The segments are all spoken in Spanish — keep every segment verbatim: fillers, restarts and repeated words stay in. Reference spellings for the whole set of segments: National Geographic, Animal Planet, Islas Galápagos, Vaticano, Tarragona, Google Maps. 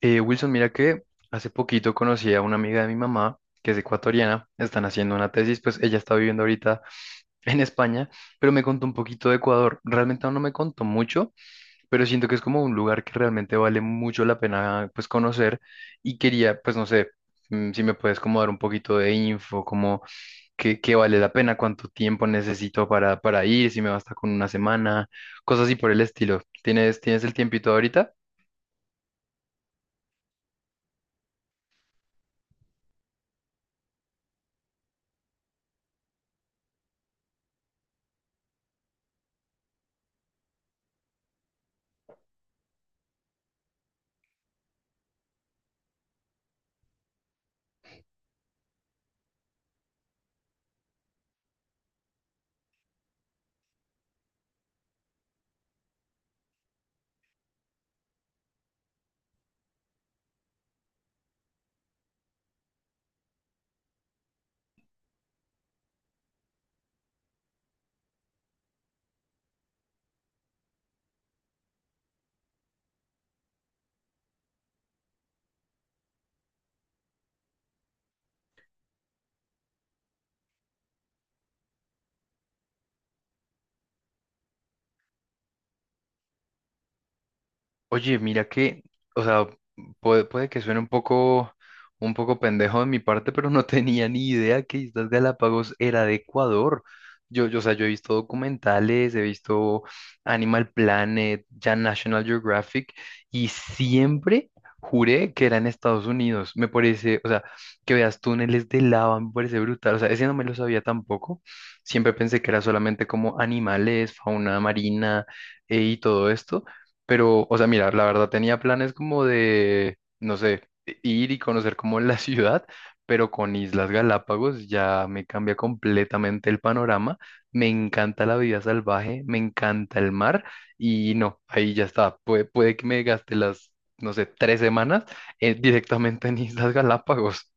Eh, Wilson, mira que hace poquito conocí a una amiga de mi mamá, que es ecuatoriana, están haciendo una tesis, pues ella está viviendo ahorita en España, pero me contó un poquito de Ecuador. Realmente aún no me contó mucho, pero siento que es como un lugar que realmente vale mucho la pena pues conocer y quería, pues no sé, mm, si me puedes como dar un poquito de info, como qué, qué vale la pena, cuánto tiempo necesito para, para ir, si me basta con una semana, cosas así por el estilo. ¿Tienes, tienes el tiempito ahorita? Oye, mira que, o sea, puede, puede que suene un poco, un poco pendejo de mi parte, pero no tenía ni idea que Islas Galápagos era de Ecuador. Yo, yo, o sea, yo he visto documentales, he visto Animal Planet, ya National Geographic, y siempre juré que era en Estados Unidos. Me parece, o sea, que veas túneles de lava, me parece brutal. O sea, ese no me lo sabía tampoco. Siempre pensé que era solamente como animales, fauna marina, eh, y todo esto. Pero, o sea, mira, la verdad tenía planes como de, no sé, e, ir y conocer como la ciudad, pero con Islas Galápagos ya me cambia completamente el panorama. Me encanta la vida salvaje, me encanta el mar y no, ahí ya está. Puede, puede que me gaste las, no sé, tres semanas eh, directamente en Islas Galápagos.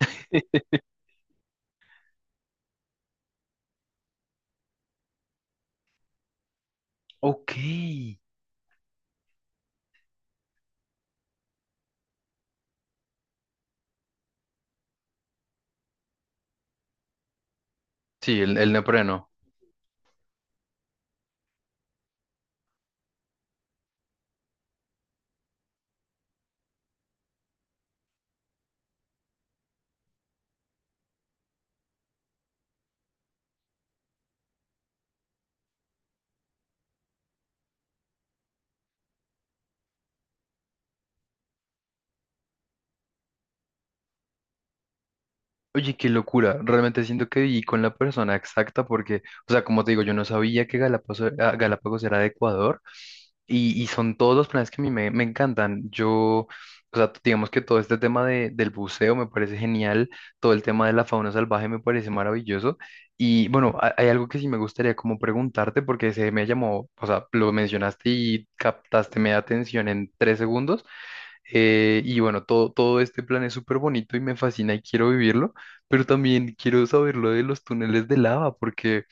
Ok. Sí, el, el neopreno. Oye, qué locura. Realmente siento que viví con la persona exacta porque, o sea, como te digo, yo no sabía que Galápagos, ah, Galápagos era de Ecuador y, y son todos los planes que a mí me, me encantan. Yo, o sea, digamos que todo este tema de, del buceo me parece genial, todo el tema de la fauna salvaje me parece maravilloso. Y bueno, ha- hay algo que sí me gustaría como preguntarte porque se me llamó, o sea, lo mencionaste y captaste mi atención en tres segundos eh, y bueno, todo, todo, este plan es súper bonito y me fascina y quiero vivirlo, pero también quiero saber lo de los túneles de lava, porque,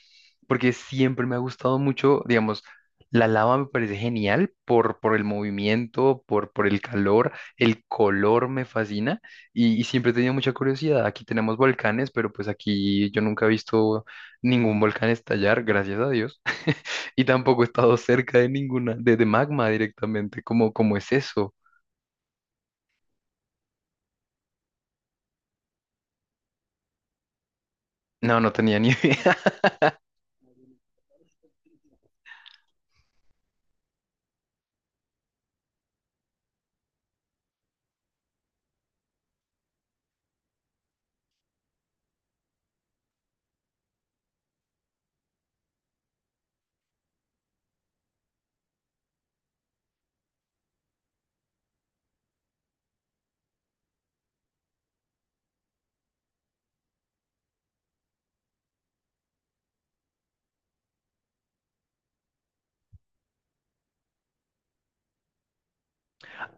porque siempre me ha gustado mucho, digamos, la lava me parece genial por, por el movimiento, por, por el calor, el color me fascina y, y siempre he tenido mucha curiosidad. Aquí tenemos volcanes, pero pues aquí yo nunca he visto ningún volcán estallar, gracias a Dios, y tampoco he estado cerca de ninguna, de, de magma directamente, ¿cómo, cómo es eso? No, no tenía ni idea.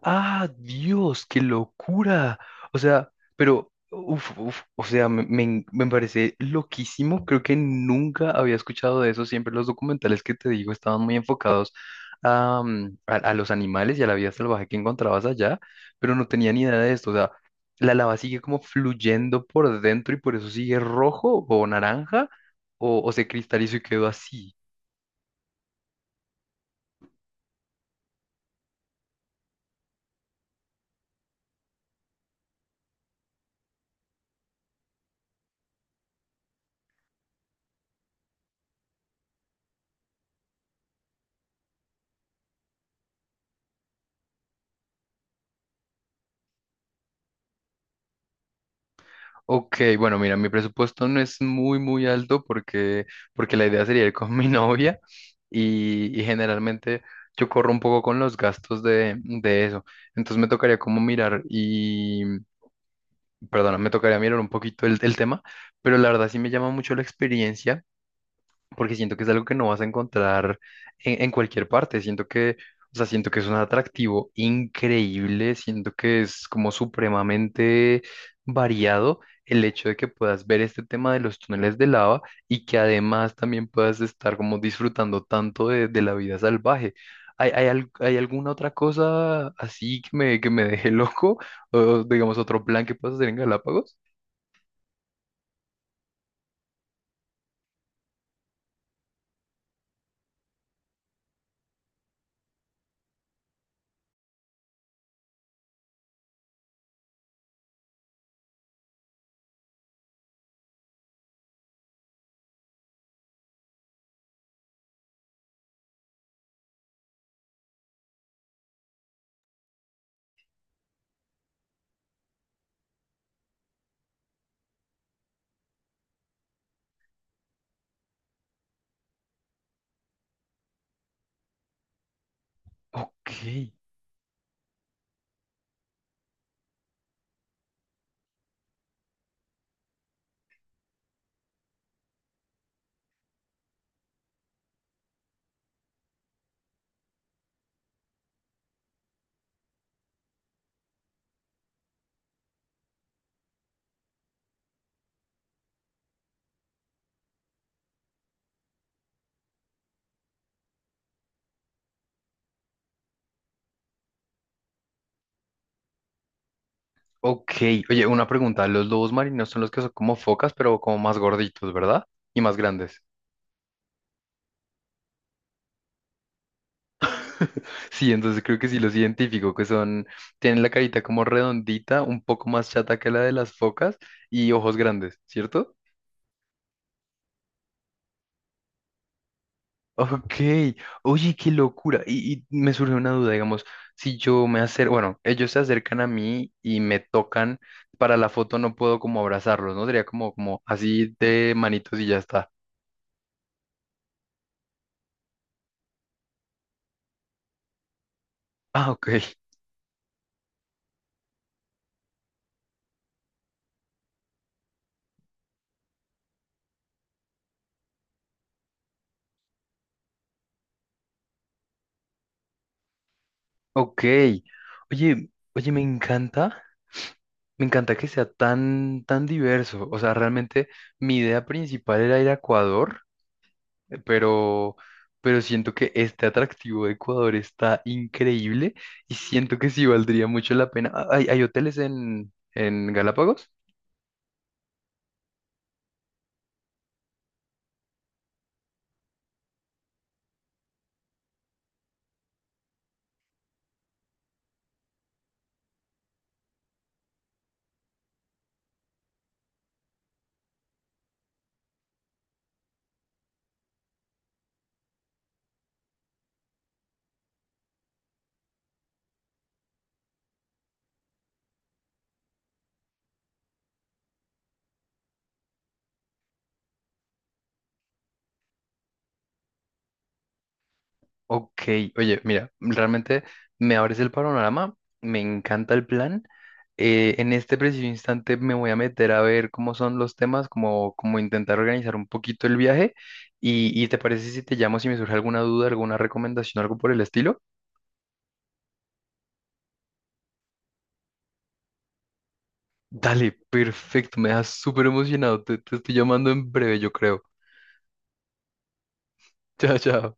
Ah, Dios, qué locura. O sea, pero, uf, uf, o sea, me, me en- me parece loquísimo. Creo que nunca había escuchado de eso. Siempre los documentales que te digo estaban muy enfocados a, mm, a, a los animales y a la vida salvaje que encontrabas allá, pero no tenía ni idea de esto. O sea, la lava sigue como fluyendo por dentro y por eso sigue rojo o naranja o, o, se cristalizó y quedó así. Ok, bueno, mira, mi presupuesto no es muy, muy alto porque, porque la idea sería ir con mi novia y, y generalmente yo corro un poco con los gastos de, de eso. Entonces me tocaría como mirar y, perdona, me tocaría mirar un poquito el, el tema, pero la verdad sí me llama mucho la experiencia porque siento que es algo que no vas a encontrar en, en cualquier parte. Siento que, o sea, siento que es un atractivo increíble, siento que es como supremamente variado el hecho de que puedas ver este tema de los túneles de lava y que además también puedas estar como disfrutando tanto de, de la vida salvaje. ¿Hay, hay, al- hay alguna otra cosa así que me, que me deje loco? ¿O digamos, otro plan que puedas hacer en Galápagos? Ok. Ok, oye, una pregunta. Los lobos marinos son los que son como focas, pero como más gorditos, ¿verdad? Y más grandes. Sí, entonces creo que sí los identifico, que son, tienen la carita como redondita, un poco más chata que la de las focas y ojos grandes, ¿cierto? Ok, oye, qué locura. Y, y me surge una duda, digamos, si yo me acerco, bueno, ellos se acercan a mí y me tocan, para la foto no puedo como abrazarlos, ¿no? Sería como, como así de manitos y ya está. Ah, ok. Ok. Oye, oye, me encanta, me encanta que sea tan, tan diverso. O sea, realmente mi idea principal era ir a Ecuador, eh, pero, pero, siento que este atractivo de Ecuador está increíble y siento que sí valdría mucho la pena. Ah, ¿Hay, hay hoteles en, en Galápagos? Ok, oye, mira, realmente me abres el panorama, me encanta el plan. Eh, en este preciso instante me voy a meter a ver cómo son los temas, como, como intentar organizar un poquito el viaje. Y, ¿y te parece si te llamo si me surge alguna duda, alguna recomendación, algo por el estilo? Dale, perfecto, me dejas súper emocionado. Te, te estoy llamando en breve, yo creo. Chao, chao.